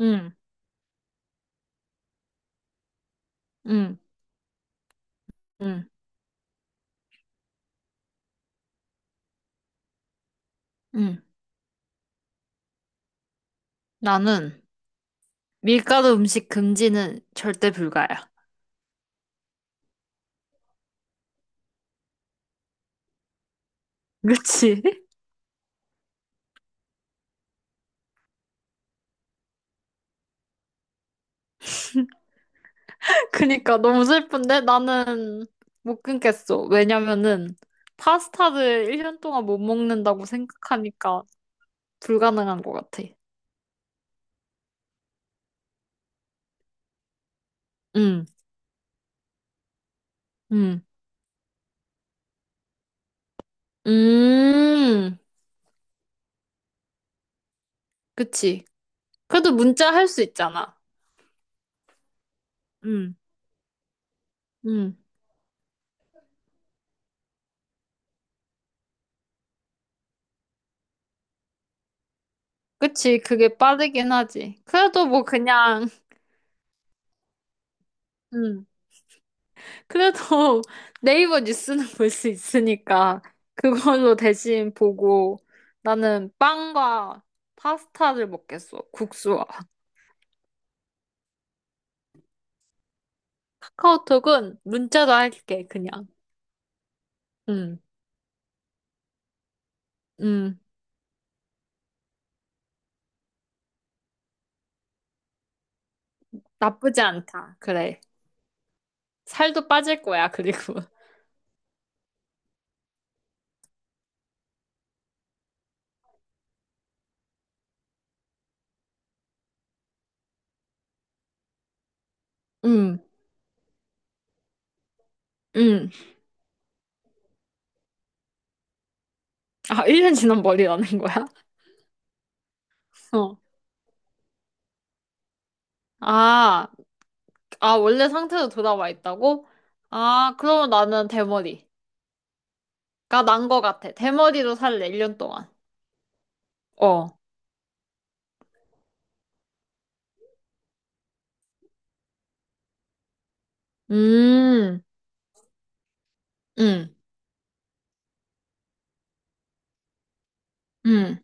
응, 응, 응, 응. 나는 밀가루 음식 금지는 절대 불가야. 그치? 그니까 너무 슬픈데 나는 못 끊겠어. 왜냐면은 파스타를 1년 동안 못 먹는다고 생각하니까 불가능한 것 같아. 응, 응. 음, 그치. 그래도 문자 할 수 있잖아. 응, 응. 그치. 그게 빠르긴 하지. 그래도 뭐 그냥, 응. 그래도 네이버 뉴스는 볼 수 있으니까 그걸로 대신 보고 나는 빵과 파스타를 먹겠어. 국수와. 카카오톡은 문자로 할게, 그냥. 음, 음. 나쁘지 않다. 그래. 살도 빠질 거야, 그리고. 음, 음. 아, 1년 지난 머리라는 거야? 어. 아, 아, 원래 상태로 돌아와 있다고? 아, 그러면 나는 대머리가 난 거 같아. 대머리로 살래, 1년 동안. 어. 음, 음, 음,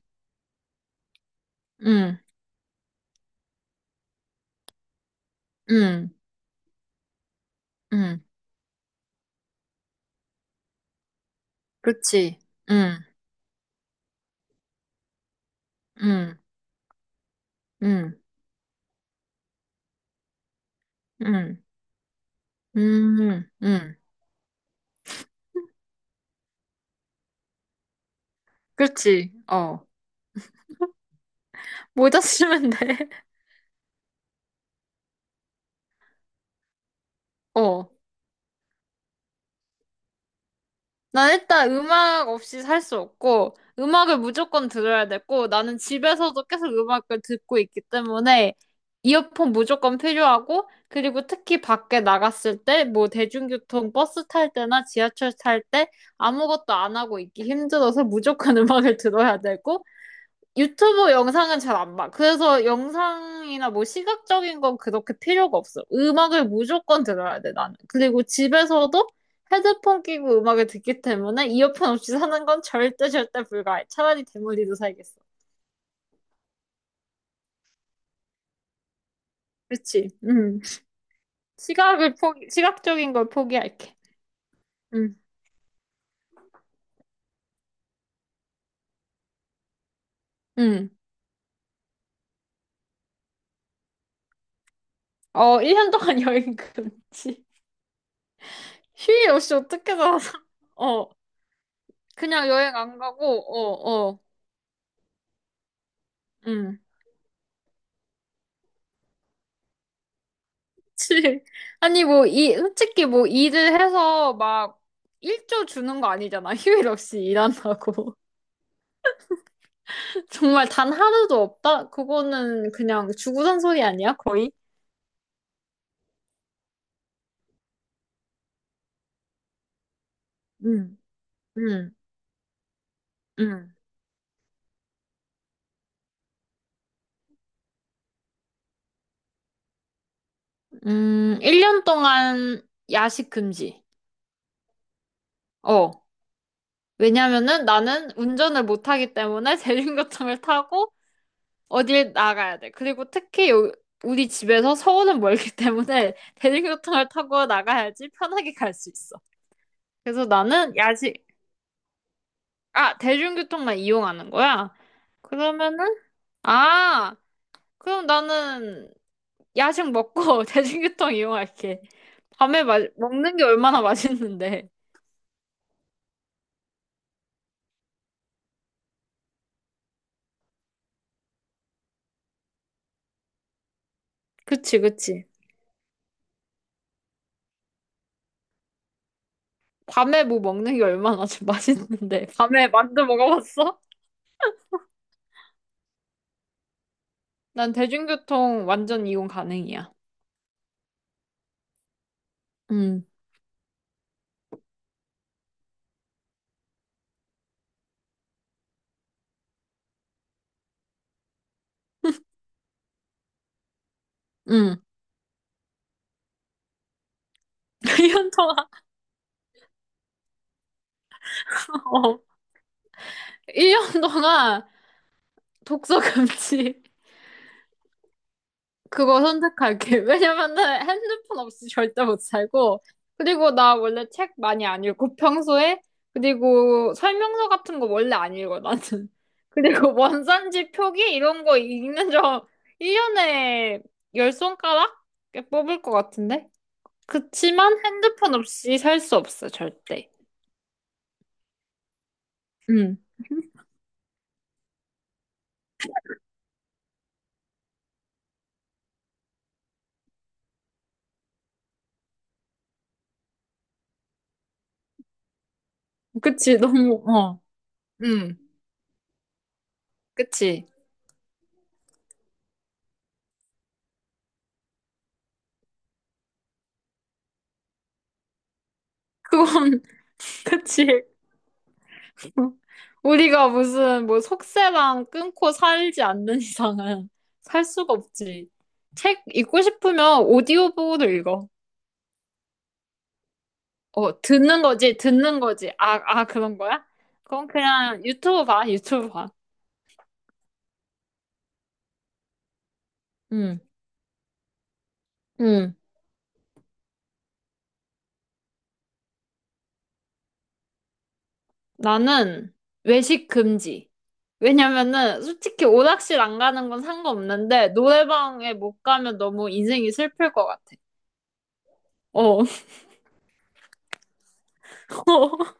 음, 음, 음, 그렇지. 음, 음, 음, 음, 음, 음, 그렇지. 어, 모자 쓰면 돼. 어. 난 일단 음악 없이 살 수 없고, 음악을 무조건 들어야 되고, 나는 집에서도 계속 음악을 듣고 있기 때문에, 이어폰 무조건 필요하고, 그리고 특히 밖에 나갔을 때, 뭐 대중교통 버스 탈 때나 지하철 탈 때, 아무것도 안 하고 있기 힘들어서 무조건 음악을 들어야 되고, 유튜브 영상은 잘 안 봐. 그래서 영상이나 뭐 시각적인 건 그렇게 필요가 없어. 음악을 무조건 들어야 돼, 나는. 그리고 집에서도 헤드폰 끼고 음악을 듣기 때문에 이어폰 없이 사는 건 절대 절대 불가해. 차라리 대머리도 살겠어. 그렇지. 음. 시각적인 걸 포기할게. 음. 음. 어, 1년 동안 여행 금지. 휴일 없이 어떻게 살아서. 어. 그냥 여행 안 가고, 어, 어. 음. 그치. 아니, 뭐, 이, 솔직히 뭐, 일을 해서 막, 일조 주는 거 아니잖아. 휴일 없이 일한다고. 정말 단 하루도 없다? 그거는 그냥 주구장 소리 아니야, 거의? 응, 응, 응. 1년 동안 야식 금지. 어. 왜냐면은 나는 운전을 못 하기 때문에 대중교통을 타고 어딜 나가야 돼. 그리고 특히 요, 우리 집에서 서울은 멀기 때문에 대중교통을 타고 나가야지 편하게 갈 수 있어. 그래서 나는 야식, 아, 대중교통만 이용하는 거야? 그러면은, 아, 그럼 나는 야식 먹고 대중교통 이용할게. 밤에 먹는 게 얼마나 맛있는데. 그치, 그치. 밤에 뭐 먹는 게 얼마나 좀 맛있는데. 밤에 만두 먹어봤어? 난 대중교통 완전 이용 가능이야. 응, 응. 일 년 동안, 어. 1년 동안 독서 금지. 그거 선택할게. 왜냐면은 핸드폰 없이 절대 못 살고, 그리고 나 원래 책 많이 안 읽고 평소에, 그리고 설명서 같은 거 원래 안 읽어, 나는. 그리고 원산지 표기 이런 거 읽는 점 1년에 열 손가락 뽑을 것 같은데? 그치만 핸드폰 없이 살 수 없어, 절대. 응. 그치, 너무, 어. 응. 그치. 그건, 그치. 우리가 무슨 뭐 속세랑 끊고 살지 않는 이상은 살 수가 없지. 책 읽고 싶으면 오디오북으로 읽어. 어, 듣는 거지, 듣는 거지. 아, 아, 그런 거야? 그건 그냥 유튜브 봐, 유튜브 봐. 응, 응. 나는 외식 금지. 왜냐면은 솔직히 오락실 안 가는 건 상관없는데 노래방에 못 가면 너무 인생이 슬플 것 같아. 어.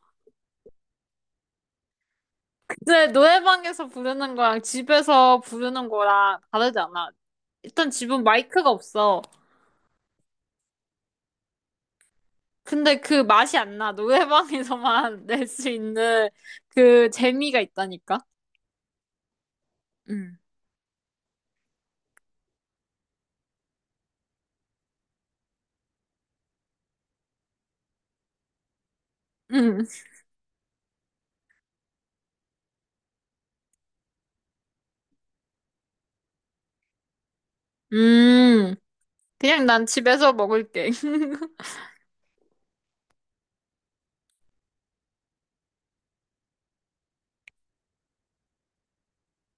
이제 노래방에서 부르는 거랑 집에서 부르는 거랑 다르지 않아. 일단 집은 마이크가 없어. 근데 그 맛이 안 나. 노래방에서만 낼 수 있는 그 재미가 있다니까. 응. 응. 음. 그냥 난 집에서 먹을게.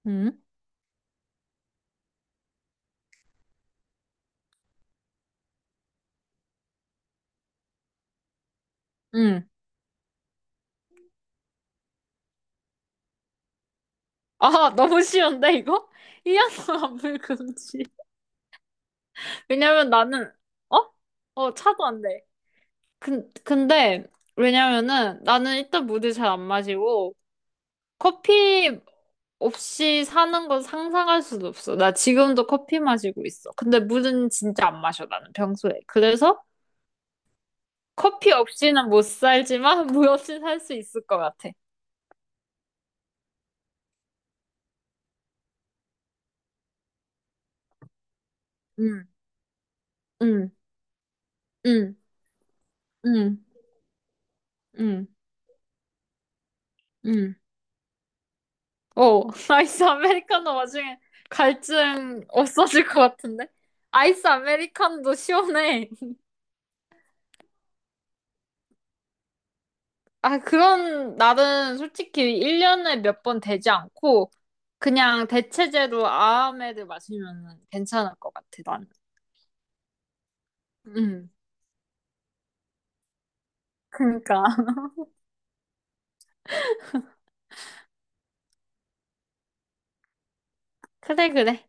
응? 응. 아, 너무 쉬운데 이거? 1년 동안 불금지. 왜냐면 나는 어? 어, 차도 안 돼. 근데 왜냐면은 나는 일단 물을 잘 안 마시고 커피 없이 사는 건 상상할 수도 없어. 나 지금도 커피 마시고 있어. 근데 물은 진짜 안 마셔, 나는 평소에. 그래서 커피 없이는 못 살지만 물 없이 살 수 있을 것 같아. 응, 응, 응, 응, 응, 응. 오, 아이스 아메리카노 와중에 갈증 없어질 것 같은데? 아이스 아메리카노도 시원해. 아, 그런 날은 솔직히 1년에 몇 번 되지 않고 그냥 대체제로 아메드 마시면 괜찮을 것 같아, 나는. 응. 그니까. 그래, 그래.